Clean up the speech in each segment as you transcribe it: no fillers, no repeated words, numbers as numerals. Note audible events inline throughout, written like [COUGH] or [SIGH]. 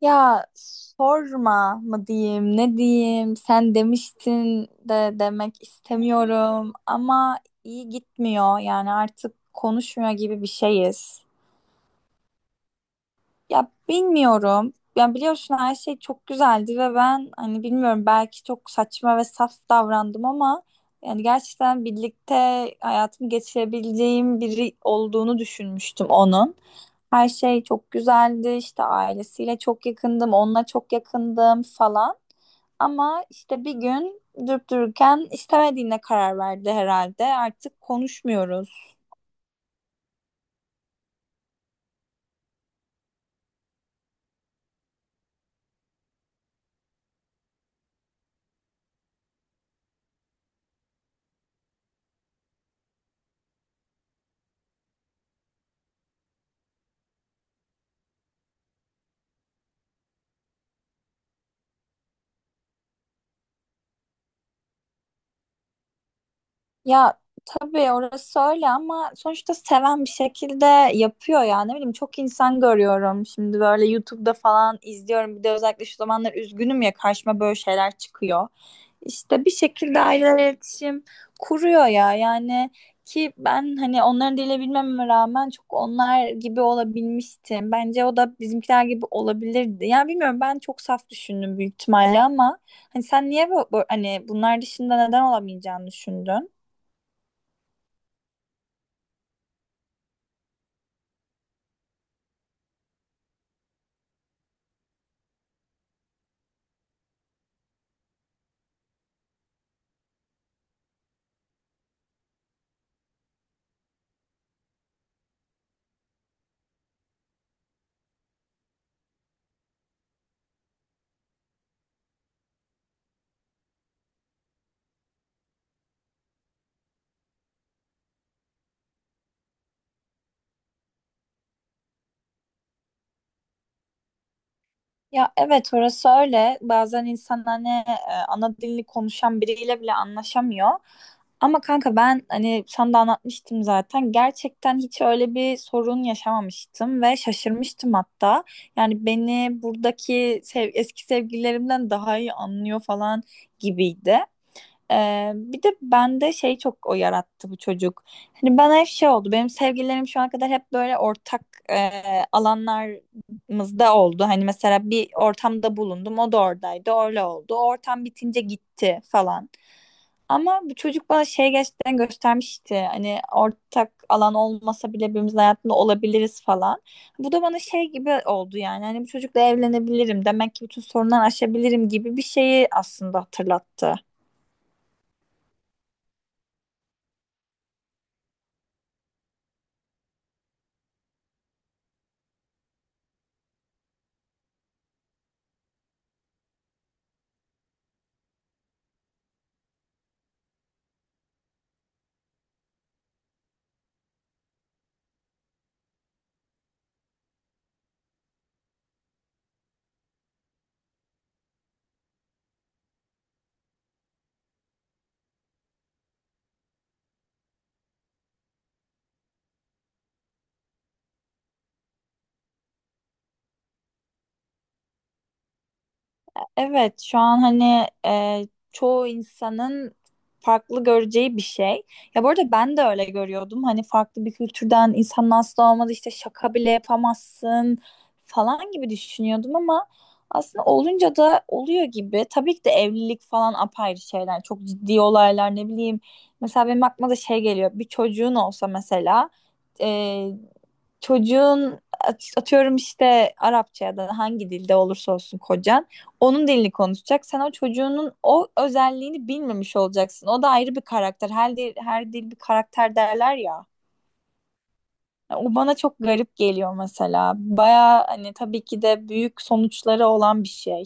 Ya sorma mı diyeyim, ne diyeyim? Sen demiştin de demek istemiyorum ama iyi gitmiyor. Yani artık konuşmuyor gibi bir şeyiz. Ya bilmiyorum. Yani biliyorsun her şey çok güzeldi ve ben hani bilmiyorum belki çok saçma ve saf davrandım ama yani gerçekten birlikte hayatımı geçirebileceğim biri olduğunu düşünmüştüm onun. Her şey çok güzeldi işte ailesiyle çok yakındım, onunla çok yakındım falan. Ama işte bir gün durup dururken istemediğine karar verdi herhalde. Artık konuşmuyoruz. Ya tabii orası öyle ama sonuçta seven bir şekilde yapıyor ya. Ne bileyim çok insan görüyorum. Şimdi böyle YouTube'da falan izliyorum. Bir de özellikle şu zamanlar üzgünüm ya karşıma böyle şeyler çıkıyor. İşte bir şekilde aileler iletişim kuruyor ya. Yani ki ben hani onların diliyle bilmeme rağmen çok onlar gibi olabilmiştim. Bence o da bizimkiler gibi olabilirdi. Yani bilmiyorum ben çok saf düşündüm büyük ihtimalle ama hani sen niye hani bunlar dışında neden olamayacağını düşündün? Ya evet orası öyle. Bazen insan hani ana dilini konuşan biriyle bile anlaşamıyor. Ama kanka ben hani sana da anlatmıştım zaten. Gerçekten hiç öyle bir sorun yaşamamıştım ve şaşırmıştım hatta. Yani beni buradaki eski sevgililerimden daha iyi anlıyor falan gibiydi. Bir de bende şey çok o yarattı bu çocuk. Hani bana hep şey oldu. Benim sevgililerim şu ana kadar hep böyle ortak e, alanlarımızda oldu. Hani mesela bir ortamda bulundum. O da oradaydı. Öyle oldu. O ortam bitince gitti falan. Ama bu çocuk bana şey gerçekten göstermişti. Hani ortak alan olmasa bile birbirimizin hayatında olabiliriz falan. Bu da bana şey gibi oldu yani. Hani bu çocukla evlenebilirim. Demek ki bütün sorunları aşabilirim gibi bir şeyi aslında hatırlattı. Evet, şu an hani çoğu insanın farklı göreceği bir şey. Ya bu arada ben de öyle görüyordum. Hani farklı bir kültürden insan nasıl olmadı işte şaka bile yapamazsın falan gibi düşünüyordum ama aslında olunca da oluyor gibi. Tabii ki de evlilik falan apayrı şeyler. Çok ciddi olaylar ne bileyim. Mesela benim aklıma da şey geliyor. Bir çocuğun olsa mesela çocuğun atıyorum işte Arapça ya da hangi dilde olursa olsun kocan onun dilini konuşacak. Sen o çocuğunun o özelliğini bilmemiş olacaksın. O da ayrı bir karakter. Her dil, her dil bir karakter derler ya. O bana çok garip geliyor mesela. Baya hani tabii ki de büyük sonuçları olan bir şey.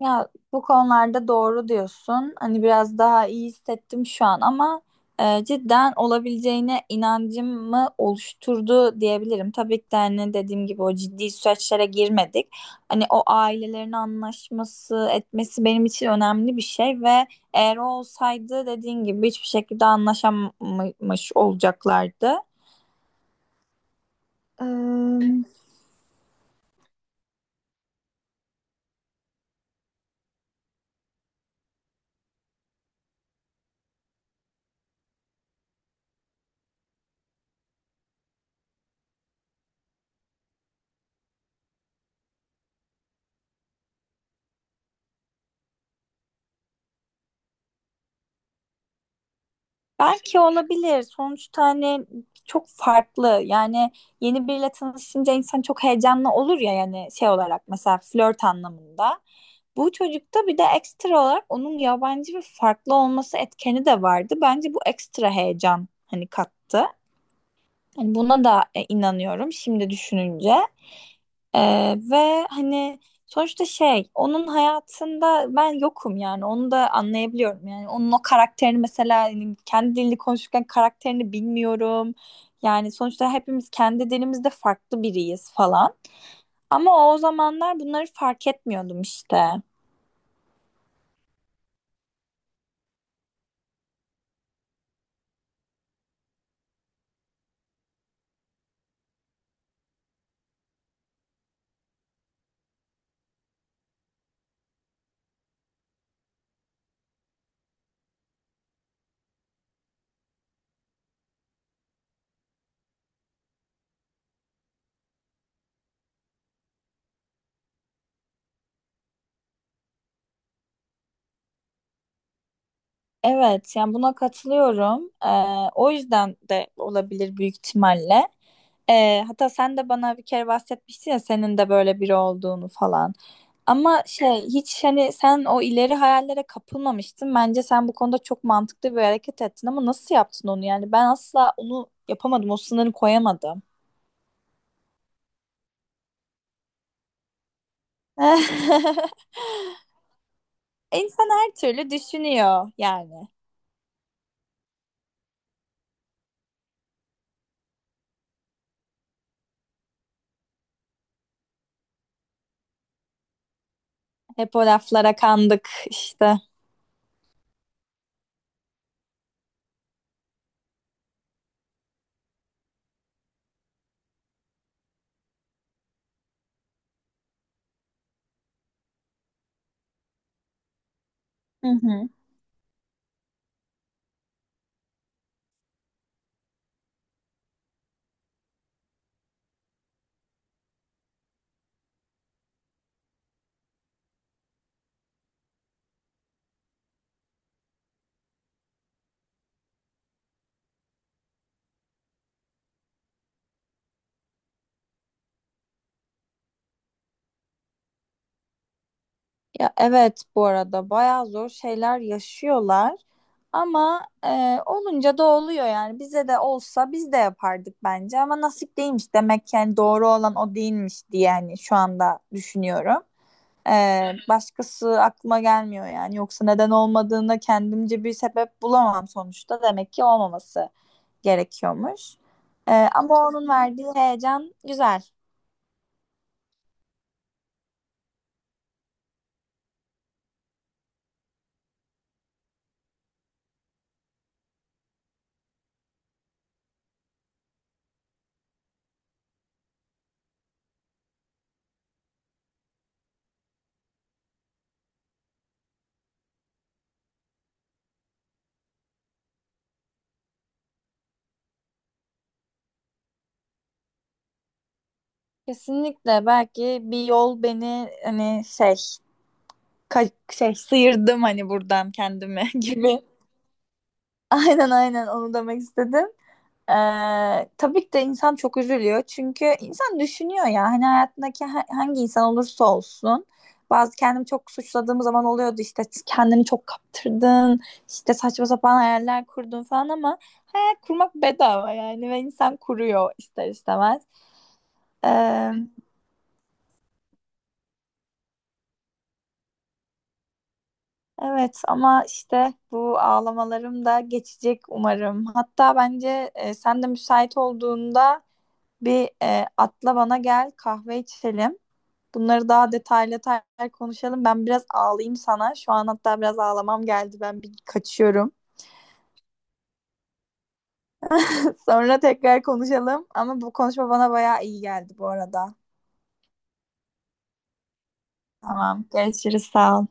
Ya bu konularda doğru diyorsun. Hani biraz daha iyi hissettim şu an ama cidden olabileceğine inancımı oluşturdu diyebilirim. Tabii ki de hani dediğim gibi o ciddi süreçlere girmedik. Hani o ailelerin anlaşması etmesi benim için önemli bir şey ve eğer o olsaydı dediğin gibi hiçbir şekilde anlaşamamış olacaklardı. Ee, Belki olabilir. Sonuçta hani çok farklı. Yani yeni biriyle tanışınca insan çok heyecanlı olur ya yani şey olarak mesela flört anlamında. Bu çocukta bir de ekstra olarak onun yabancı ve farklı olması etkeni de vardı. Bence bu ekstra heyecan hani kattı. Hani buna da inanıyorum şimdi düşününce. Ve hani sonuçta şey onun hayatında ben yokum yani onu da anlayabiliyorum yani onun o karakterini mesela hani kendi dilini konuşurken karakterini bilmiyorum yani sonuçta hepimiz kendi dilimizde farklı biriyiz falan ama o zamanlar bunları fark etmiyordum işte. Evet yani buna katılıyorum. O yüzden de olabilir büyük ihtimalle. Hatta sen de bana bir kere bahsetmiştin ya senin de böyle biri olduğunu falan. Ama şey hiç hani sen o ileri hayallere kapılmamıştın. Bence sen bu konuda çok mantıklı bir hareket ettin ama nasıl yaptın onu yani? Ben asla onu yapamadım. O sınırı koyamadım. [LAUGHS] İnsan her türlü düşünüyor yani. Hep o laflara kandık işte. Hı hı. Ya evet bu arada bayağı zor şeyler yaşıyorlar ama olunca da oluyor yani bize de olsa biz de yapardık bence ama nasip değilmiş demek ki yani doğru olan o değilmiş diye yani şu anda düşünüyorum. E, Başkası aklıma gelmiyor yani yoksa neden olmadığına kendimce bir sebep bulamam sonuçta demek ki olmaması gerekiyormuş. Ama onun verdiği heyecan güzel. Kesinlikle belki bir yol beni hani şey şey sıyırdım hani buradan kendimi [LAUGHS] gibi. Aynen aynen onu demek istedim. Ee, tabii ki de insan çok üzülüyor. Çünkü insan düşünüyor ya hani hayatındaki hangi insan olursa olsun. Bazı kendimi çok suçladığım zaman oluyordu işte kendini çok kaptırdın, işte saçma sapan hayaller kurdun falan ama hayal kurmak bedava yani ve insan kuruyor ister istemez. Ee, Evet ama işte bu ağlamalarım da geçecek umarım. Hatta bence sen de müsait olduğunda bir atla bana gel kahve içelim. Bunları daha detaylı detaylı konuşalım. Ben biraz ağlayayım sana. Şu an hatta biraz ağlamam geldi. Ben bir kaçıyorum. [LAUGHS] Sonra tekrar konuşalım. Ama bu konuşma bana bayağı iyi geldi bu arada. Tamam, görüşürüz. Sağ ol.